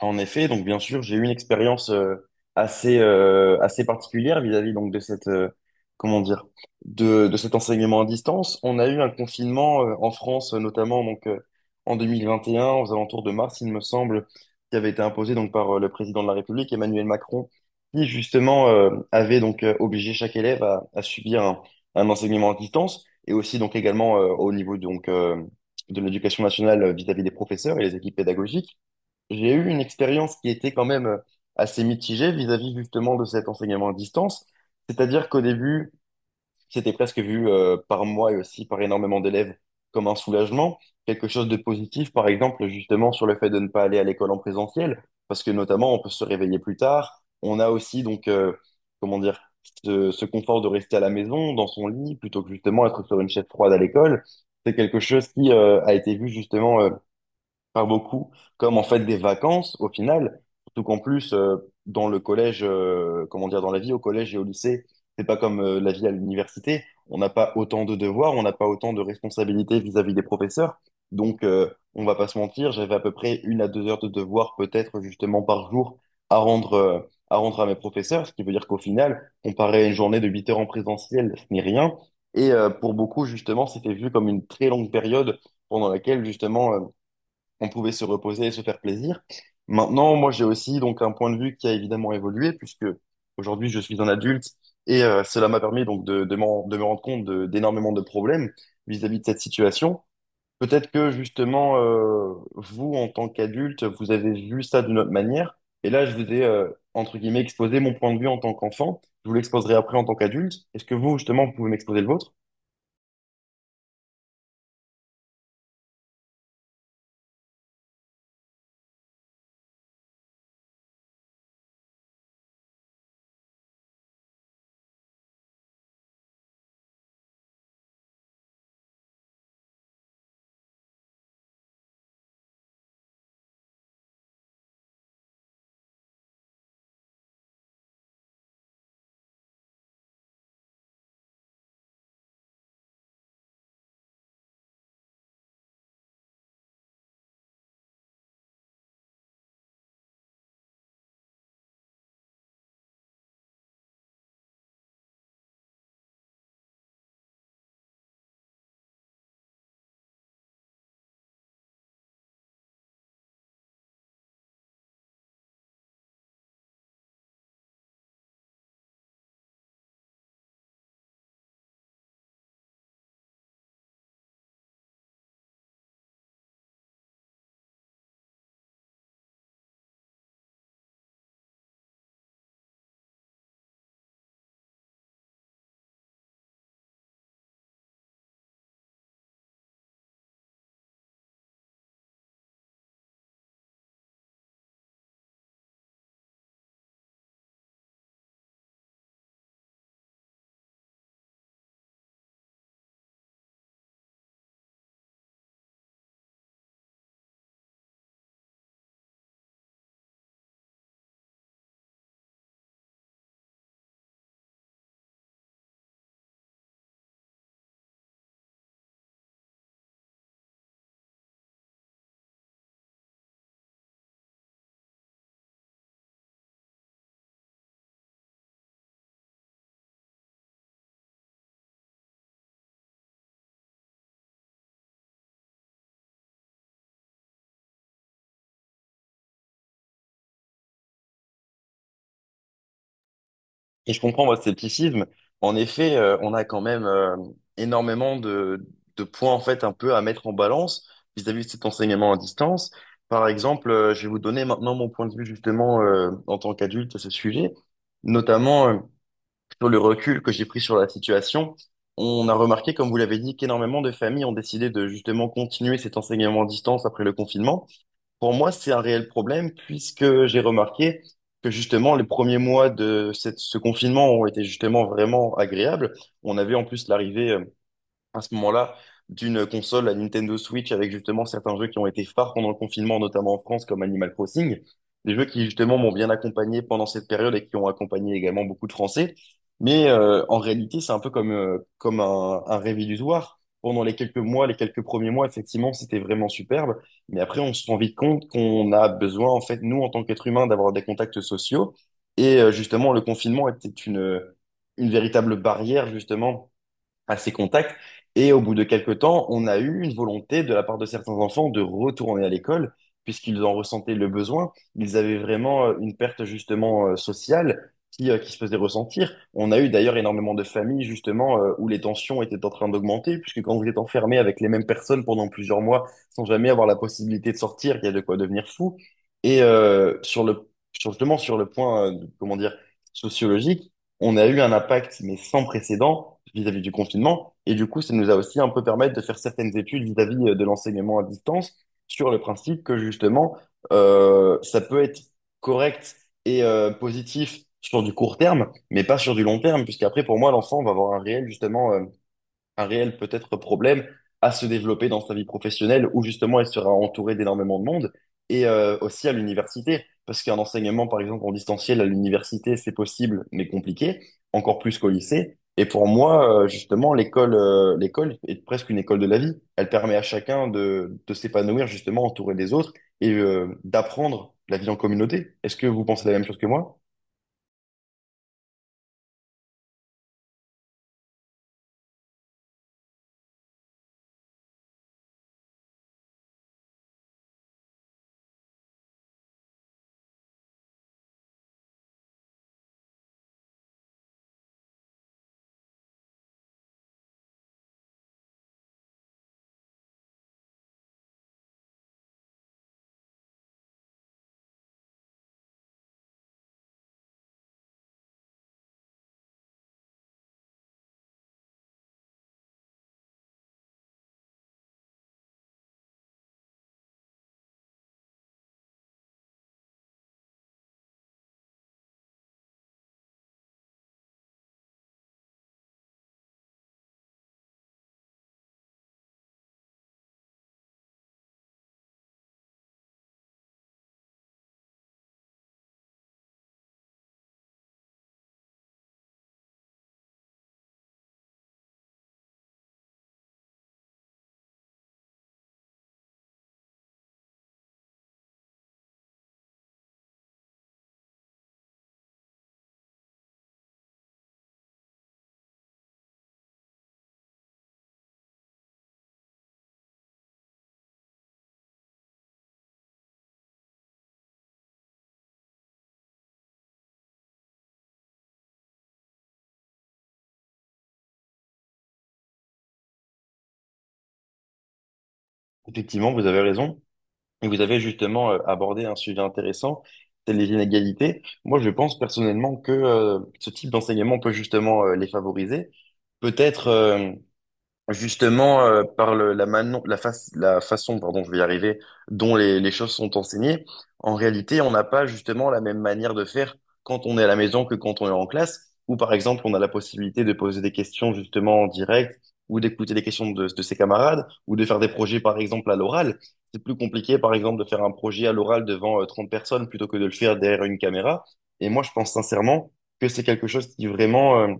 En effet, donc bien sûr, j'ai eu une expérience assez assez particulière vis-à-vis donc de cette comment dire de cet enseignement à distance. On a eu un confinement en France notamment donc en 2021 aux alentours de mars, il me semble, qui avait été imposé donc par le président de la République Emmanuel Macron, qui justement avait donc obligé chaque élève à subir un enseignement à distance et aussi donc également au niveau donc de l'éducation nationale vis-à-vis des professeurs et les équipes pédagogiques. J'ai eu une expérience qui était quand même assez mitigée vis-à-vis justement de cet enseignement à distance. C'est-à-dire qu'au début, c'était presque vu par moi et aussi par énormément d'élèves comme un soulagement, quelque chose de positif, par exemple, justement sur le fait de ne pas aller à l'école en présentiel, parce que notamment, on peut se réveiller plus tard. On a aussi donc comment dire, ce confort de rester à la maison, dans son lit, plutôt que justement être sur une chaise froide à l'école. C'est quelque chose qui a été vu justement par beaucoup, comme en fait des vacances au final, surtout qu'en plus dans le collège, comment dire, dans la vie au collège et au lycée, c'est pas comme la vie à l'université, on n'a pas autant de devoirs, on n'a pas autant de responsabilités vis-à-vis des professeurs, donc on va pas se mentir, j'avais à peu près une à 2 heures de devoirs peut-être justement par jour à rendre à rendre à mes professeurs, ce qui veut dire qu'au final, comparé à une journée de 8 heures en présentiel, ce n'est rien. Pour beaucoup, justement, c'était vu comme une très longue période pendant laquelle, justement, on pouvait se reposer et se faire plaisir. Maintenant, moi, j'ai aussi donc un point de vue qui a évidemment évolué puisque aujourd'hui, je suis un adulte et cela m'a permis donc de me rendre compte d'énormément de problèmes vis-à-vis de cette situation. Peut-être que justement, vous, en tant qu'adulte, vous avez vu ça d'une autre manière. Et là, je vous ai, entre guillemets, exposé mon point de vue en tant qu'enfant. Je vous l'exposerai après en tant qu'adulte. Est-ce que vous, justement, vous pouvez m'exposer le vôtre? Et je comprends votre scepticisme. En effet, on a quand même énormément de points en fait un peu à mettre en balance vis-à-vis de cet enseignement à distance. Par exemple, je vais vous donner maintenant mon point de vue justement en tant qu'adulte à ce sujet, notamment sur le recul que j'ai pris sur la situation. On a remarqué, comme vous l'avez dit, qu'énormément de familles ont décidé de justement continuer cet enseignement à distance après le confinement. Pour moi, c'est un réel problème puisque j'ai remarqué que justement les premiers mois de ce confinement ont été justement vraiment agréables. On avait en plus l'arrivée à ce moment-là d'une console, la Nintendo Switch, avec justement certains jeux qui ont été phares pendant le confinement, notamment en France, comme Animal Crossing, des jeux qui justement m'ont bien accompagné pendant cette période et qui ont accompagné également beaucoup de Français. En réalité, c'est un peu comme, comme un rêve illusoire. Pendant les quelques mois, les quelques premiers mois, effectivement, c'était vraiment superbe. Mais après, on se rend vite compte qu'on a besoin, en fait, nous, en tant qu'êtres humains, d'avoir des contacts sociaux. Et justement, le confinement était une véritable barrière, justement à ses contacts. Et au bout de quelques temps, on a eu une volonté de la part de certains enfants de retourner à l'école, puisqu'ils en ressentaient le besoin. Ils avaient vraiment une perte justement sociale qui se faisait ressentir. On a eu d'ailleurs énormément de familles justement où les tensions étaient en train d'augmenter, puisque quand vous êtes enfermé avec les mêmes personnes pendant plusieurs mois sans jamais avoir la possibilité de sortir, il y a de quoi devenir fou. Sur le, justement sur le point, comment dire, sociologique, on a eu un impact, mais sans précédent, vis-à-vis du confinement. Et du coup, ça nous a aussi un peu permis de faire certaines études vis-à-vis de l'enseignement à distance sur le principe que justement, ça peut être correct et positif sur du court terme, mais pas sur du long terme, puisqu'après, pour moi, l'enfant va avoir un réel, justement, un réel peut-être problème à se développer dans sa vie professionnelle où justement elle sera entourée d'énormément de monde et aussi à l'université. Parce qu'un enseignement, par exemple, en distanciel à l'université, c'est possible, mais compliqué, encore plus qu'au lycée. Et pour moi, justement, l'école, l'école est presque une école de la vie. Elle permet à chacun de s'épanouir, justement, entouré des autres et d'apprendre la vie en communauté. Est-ce que vous pensez la même chose que moi? Effectivement, vous avez raison. Et vous avez justement abordé un sujet intéressant, c'est les inégalités. Moi, je pense personnellement que ce type d'enseignement peut justement les favoriser. Peut-être Justement, par la, la, la façon, pardon, je vais y arriver, dont les choses sont enseignées, en réalité, on n'a pas justement la même manière de faire quand on est à la maison que quand on est en classe, où par exemple, on a la possibilité de poser des questions justement en direct, ou d'écouter les questions de ses camarades, ou de faire des projets par exemple à l'oral. C'est plus compliqué, par exemple, de faire un projet à l'oral devant 30 personnes plutôt que de le faire derrière une caméra. Et moi, je pense sincèrement que c'est quelque chose qui vraiment,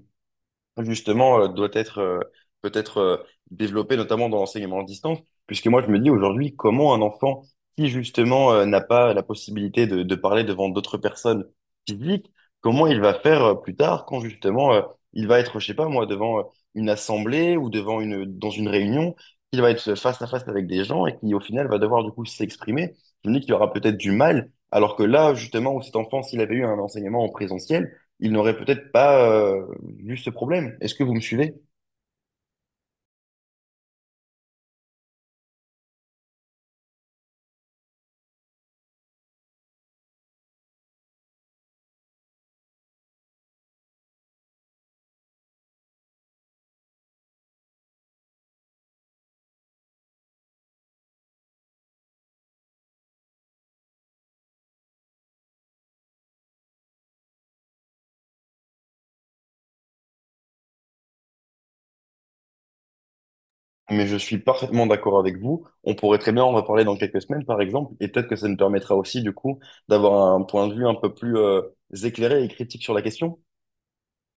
justement, doit être peut-être développé, notamment dans l'enseignement à distance, puisque moi, je me dis aujourd'hui, comment un enfant qui, justement, n'a pas la possibilité de parler devant d'autres personnes physiques, comment il va faire plus tard quand, justement, il va être, je sais pas moi, devant une assemblée ou devant dans une réunion, il va être face à face avec des gens et qui, au final, va devoir, du coup, s'exprimer. Je me dis qu'il aura peut-être du mal, alors que là, justement, où cet enfant, s'il avait eu un enseignement en présentiel, ils n'auraient peut-être pas vu ce problème. Est-ce que vous me suivez? Mais je suis parfaitement d'accord avec vous. On pourrait très bien en reparler dans quelques semaines, par exemple, et peut-être que ça nous permettra aussi, du coup, d'avoir un point de vue un peu plus éclairé et critique sur la question.